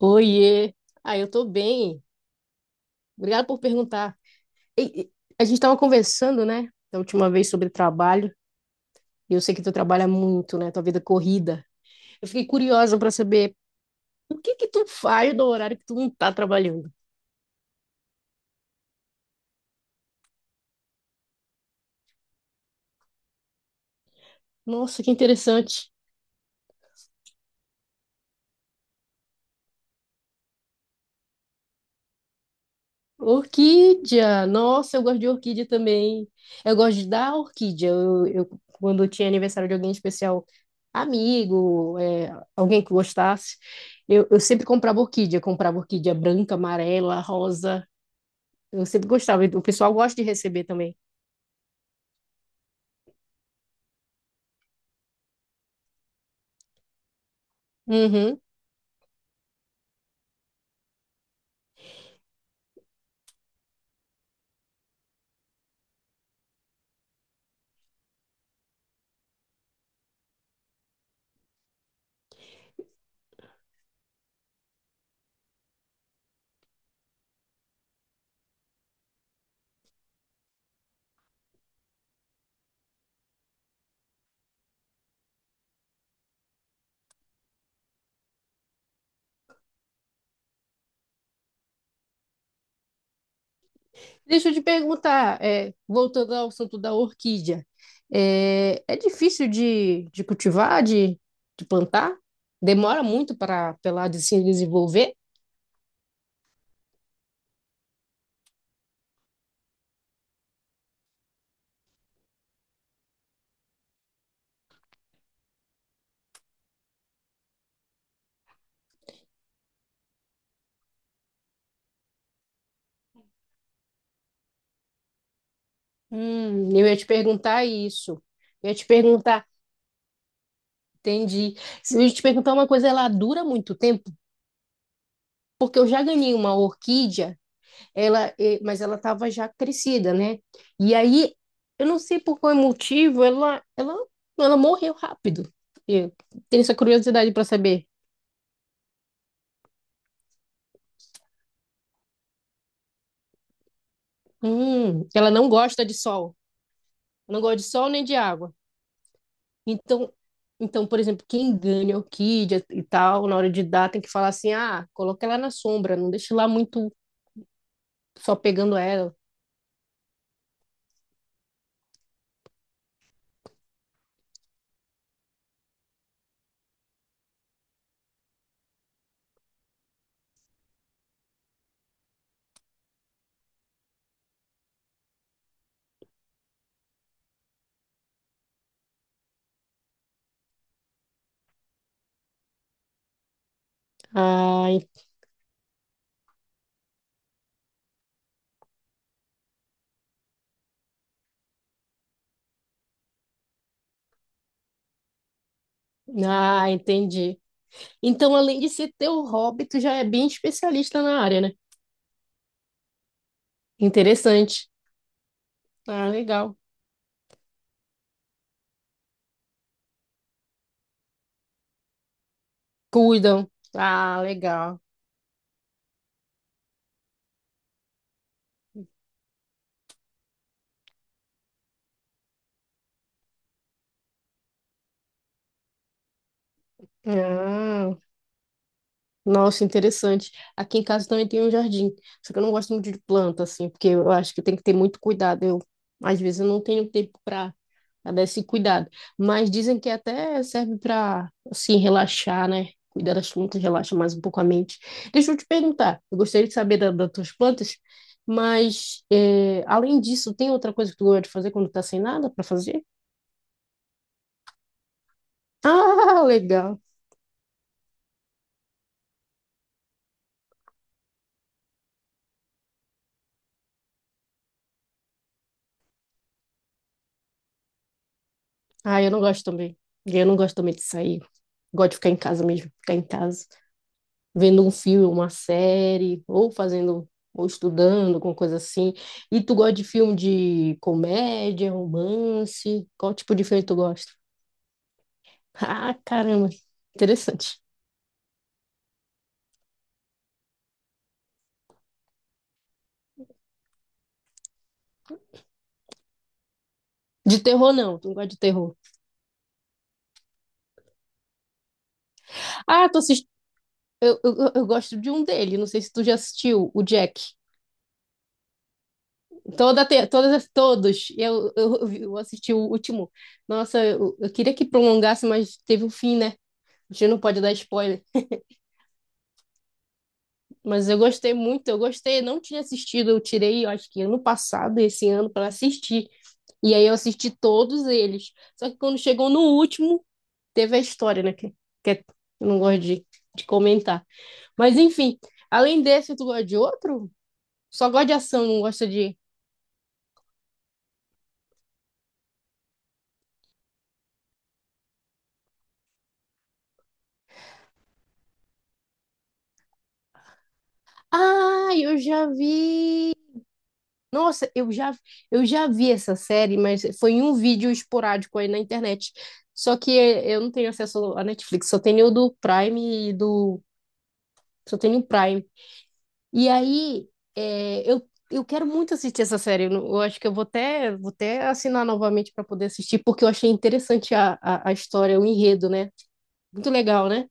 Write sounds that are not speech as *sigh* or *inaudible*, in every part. Oiê! Ah, eu tô bem. Obrigada por perguntar. E- e- a gente estava conversando, né, da última vez sobre trabalho. E eu sei que tu trabalha muito, né, tua vida é corrida. Eu fiquei curiosa para saber o que que tu faz no horário que tu não tá trabalhando. Nossa, que interessante. Orquídea, nossa, eu gosto de orquídea também. Eu gosto de dar orquídea. Quando tinha aniversário de alguém especial, amigo, alguém que gostasse, eu sempre comprava orquídea. Comprava orquídea branca, amarela, rosa. Eu sempre gostava. O pessoal gosta de receber também. Uhum. Deixa eu te perguntar, voltando ao assunto da orquídea, é difícil de, cultivar, de plantar? Demora muito para ela de se desenvolver? Eu ia te perguntar isso. Eu ia te perguntar, entendi. Se eu ia te perguntar uma coisa, ela dura muito tempo? Porque eu já ganhei uma orquídea, mas ela estava já crescida, né? E aí, eu não sei por qual motivo, ela morreu rápido. Eu tenho essa curiosidade para saber. Ela não gosta de sol. Não gosta de sol nem de água. Então, então, por exemplo, quem ganha o Kid e tal, na hora de dar, tem que falar assim: ah, coloca ela na sombra, não deixe lá muito só pegando ela. Ah, entendi. Então, além de ser teu hobby, tu já é bem especialista na área, né? Interessante. Ah, legal. Cuidam. Ah, legal. Ah. Nossa, interessante. Aqui em casa também tem um jardim, só que eu não gosto muito de planta, assim, porque eu acho que tem que ter muito cuidado. Às vezes, eu não tenho tempo para dar esse cuidado. Mas dizem que até serve para, assim, relaxar, né? Cuidar das plantas relaxa mais um pouco a mente. Deixa eu te perguntar, eu gostaria de saber da, das tuas plantas, mas, além disso, tem outra coisa que tu gosta de fazer quando tá sem nada para fazer? *laughs* Ah, legal. Ah, eu não gosto também. Eu não gosto também de sair. Gosto de ficar em casa mesmo, ficar em casa, vendo um filme, uma série, ou fazendo, ou estudando, alguma coisa assim. E tu gosta de filme de comédia, romance? Qual tipo de filme tu gosta? *laughs* Ah, caramba, interessante. De terror, não, tu não gosta de terror. Ah, tu assist... eu gosto de um dele, não sei se tu já assistiu, o Jack. Toda te... Todas, as- todos, eu assisti o último. Nossa, eu queria que prolongasse, mas teve o fim, né? A gente não pode dar spoiler. Mas eu gostei muito, eu gostei, eu não tinha assistido, eu tirei, eu acho que ano passado, esse ano, para assistir. E aí eu assisti todos eles. Só que quando chegou no último, teve a história, né? Que é- eu não gosto de, comentar. Mas enfim, além desse, tu gosta de outro? Só gosta de ação, não gosta de. Ah, eu já vi. Nossa, eu já vi essa série, mas foi em um vídeo esporádico aí na internet. Só que eu não tenho acesso à Netflix, só tenho o do Prime e do Só tem no Prime. E aí, é, eu, eu quero muito assistir essa série. Eu, não- eu acho que eu vou até, assinar novamente para poder assistir, porque eu achei interessante a história, o enredo, né? Muito legal, né?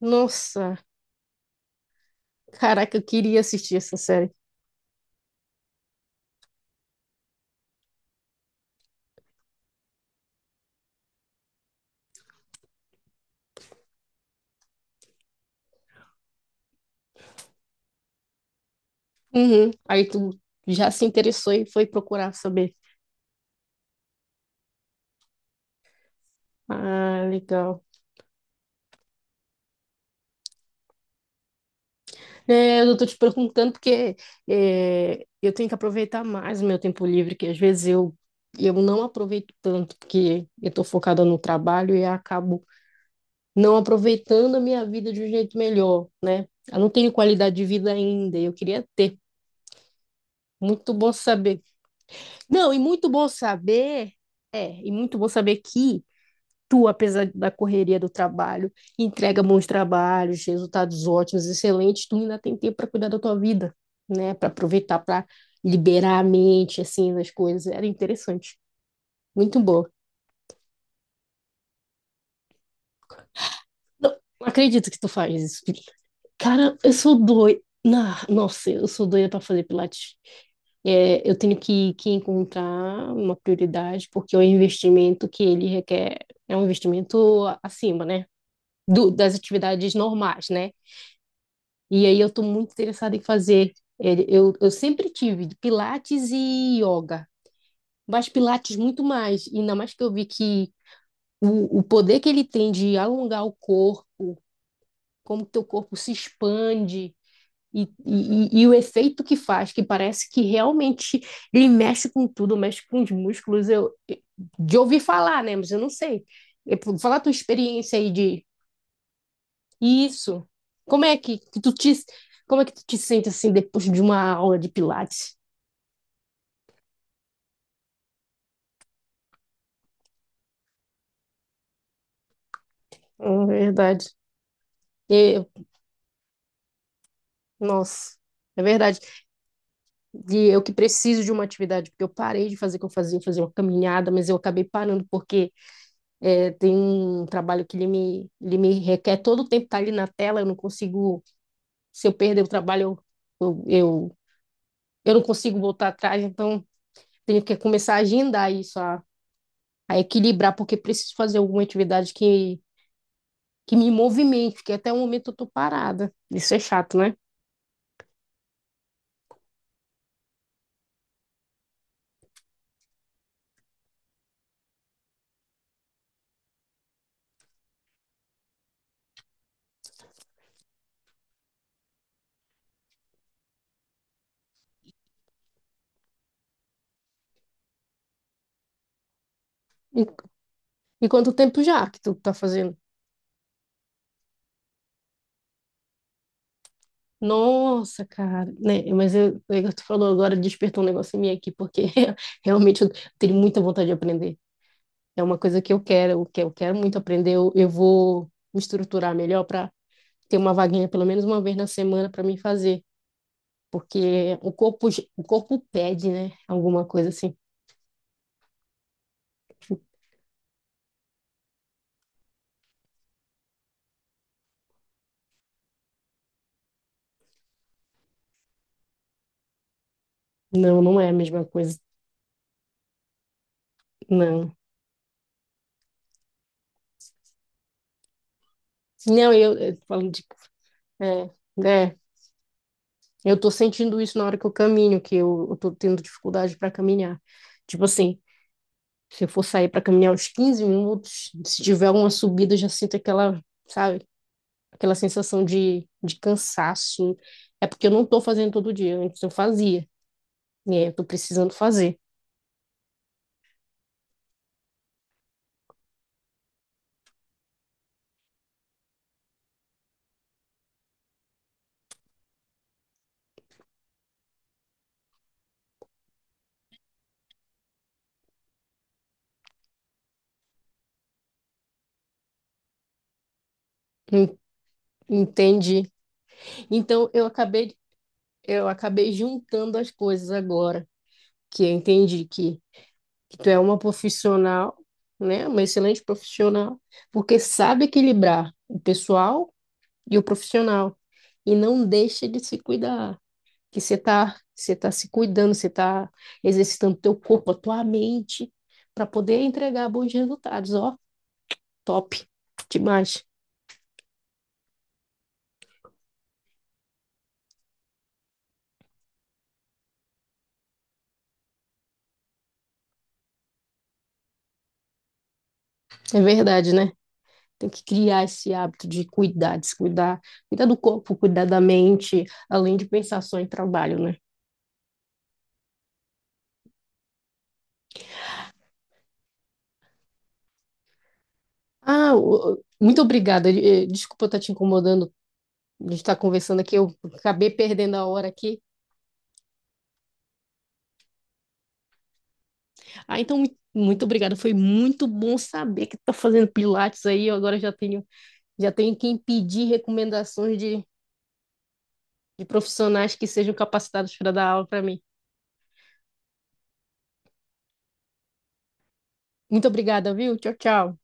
Nossa, caraca, eu queria assistir essa série. Uhum. Aí tu já se interessou e foi procurar saber. Ah, legal. É, eu tô te perguntando porque eu tenho que aproveitar mais o meu tempo livre, que às vezes eu não aproveito tanto, porque eu tô focada no trabalho e acabo não aproveitando a minha vida de um jeito melhor, né? Eu não tenho qualidade de vida ainda, e eu queria ter. Muito bom saber. Não, e muito bom saber, e muito bom saber que tu, apesar da correria do trabalho, entrega bons trabalhos, resultados ótimos, excelentes, tu ainda tem tempo para cuidar da tua vida, né? Para aproveitar, para liberar a mente, assim, das coisas. Era interessante. Muito bom. Não, não acredito que tu faz isso. Felipe. Cara, eu sou doida. Ah, nossa, eu sou doida para fazer pilates. É, eu tenho que, encontrar uma prioridade, porque o investimento que ele requer é um investimento acima, né? Das atividades normais, né? E aí eu estou muito interessada em fazer. Eu sempre tive pilates e yoga, mas pilates muito mais. E ainda mais que eu vi que o, poder que ele tem de alongar o corpo, como teu corpo se expande e o efeito que faz, que parece que realmente ele mexe com tudo, mexe com os músculos. Eu, de ouvir falar, né? Mas eu não sei. Eu Fala a tua experiência aí de. Isso. Como é que, que tu te, Como é que tu te sente assim depois de uma aula de Pilates? É verdade. Eu, nossa, é verdade. E eu que preciso de uma atividade, porque eu parei de fazer o que eu fazia uma caminhada, mas eu acabei parando porque tem um trabalho que ele me, requer todo o tempo estar ali na tela, eu não consigo, se eu perder o trabalho, eu, eu, eu, eu, não consigo voltar atrás, então tenho que começar a agendar isso, a, equilibrar, porque preciso fazer alguma atividade que me movimente, que até o momento eu tô parada. Isso é chato, né? E, e quanto tempo já que tu tá fazendo? Nossa, cara, né? Mas tu falou agora, despertou um negócio em mim aqui, porque *laughs* realmente eu tenho muita vontade de aprender. É uma coisa que eu quero, eu que eu quero muito aprender. Eu vou me estruturar melhor para ter uma vaguinha pelo menos uma vez na semana para mim fazer, porque o corpo pede, né? Alguma coisa assim. Não, não é a mesma coisa, não. Não, eu, falando de, é, né? Eu tô sentindo isso na hora que eu caminho, que eu tô tendo dificuldade para caminhar. Tipo assim, se eu for sair para caminhar uns 15 minutos, se tiver uma subida, eu já sinto aquela, sabe, aquela sensação de cansaço. É porque eu não tô fazendo todo dia, antes eu fazia, e aí eu tô precisando fazer. En- Entendi. Então eu acabei juntando as coisas agora, que eu entendi que tu é uma profissional, né? Uma excelente profissional, porque sabe equilibrar o pessoal e o profissional. E não deixa de se cuidar, que você tá se cuidando, você tá exercitando teu corpo, a tua mente, para poder entregar bons resultados, ó, top, demais. É verdade, né? Tem que criar esse hábito de cuidar, de se cuidar, cuidar do corpo, cuidar da mente, além de pensar só em trabalho, né? Ah, muito obrigada. Desculpa estar te incomodando. A gente está conversando aqui, eu acabei perdendo a hora aqui. Ah, então, muito obrigada. Foi muito bom saber que tu tá fazendo pilates aí. Eu agora já tenho, quem pedir recomendações de profissionais que sejam capacitados para dar aula para mim. Muito obrigada, viu? Tchau, tchau.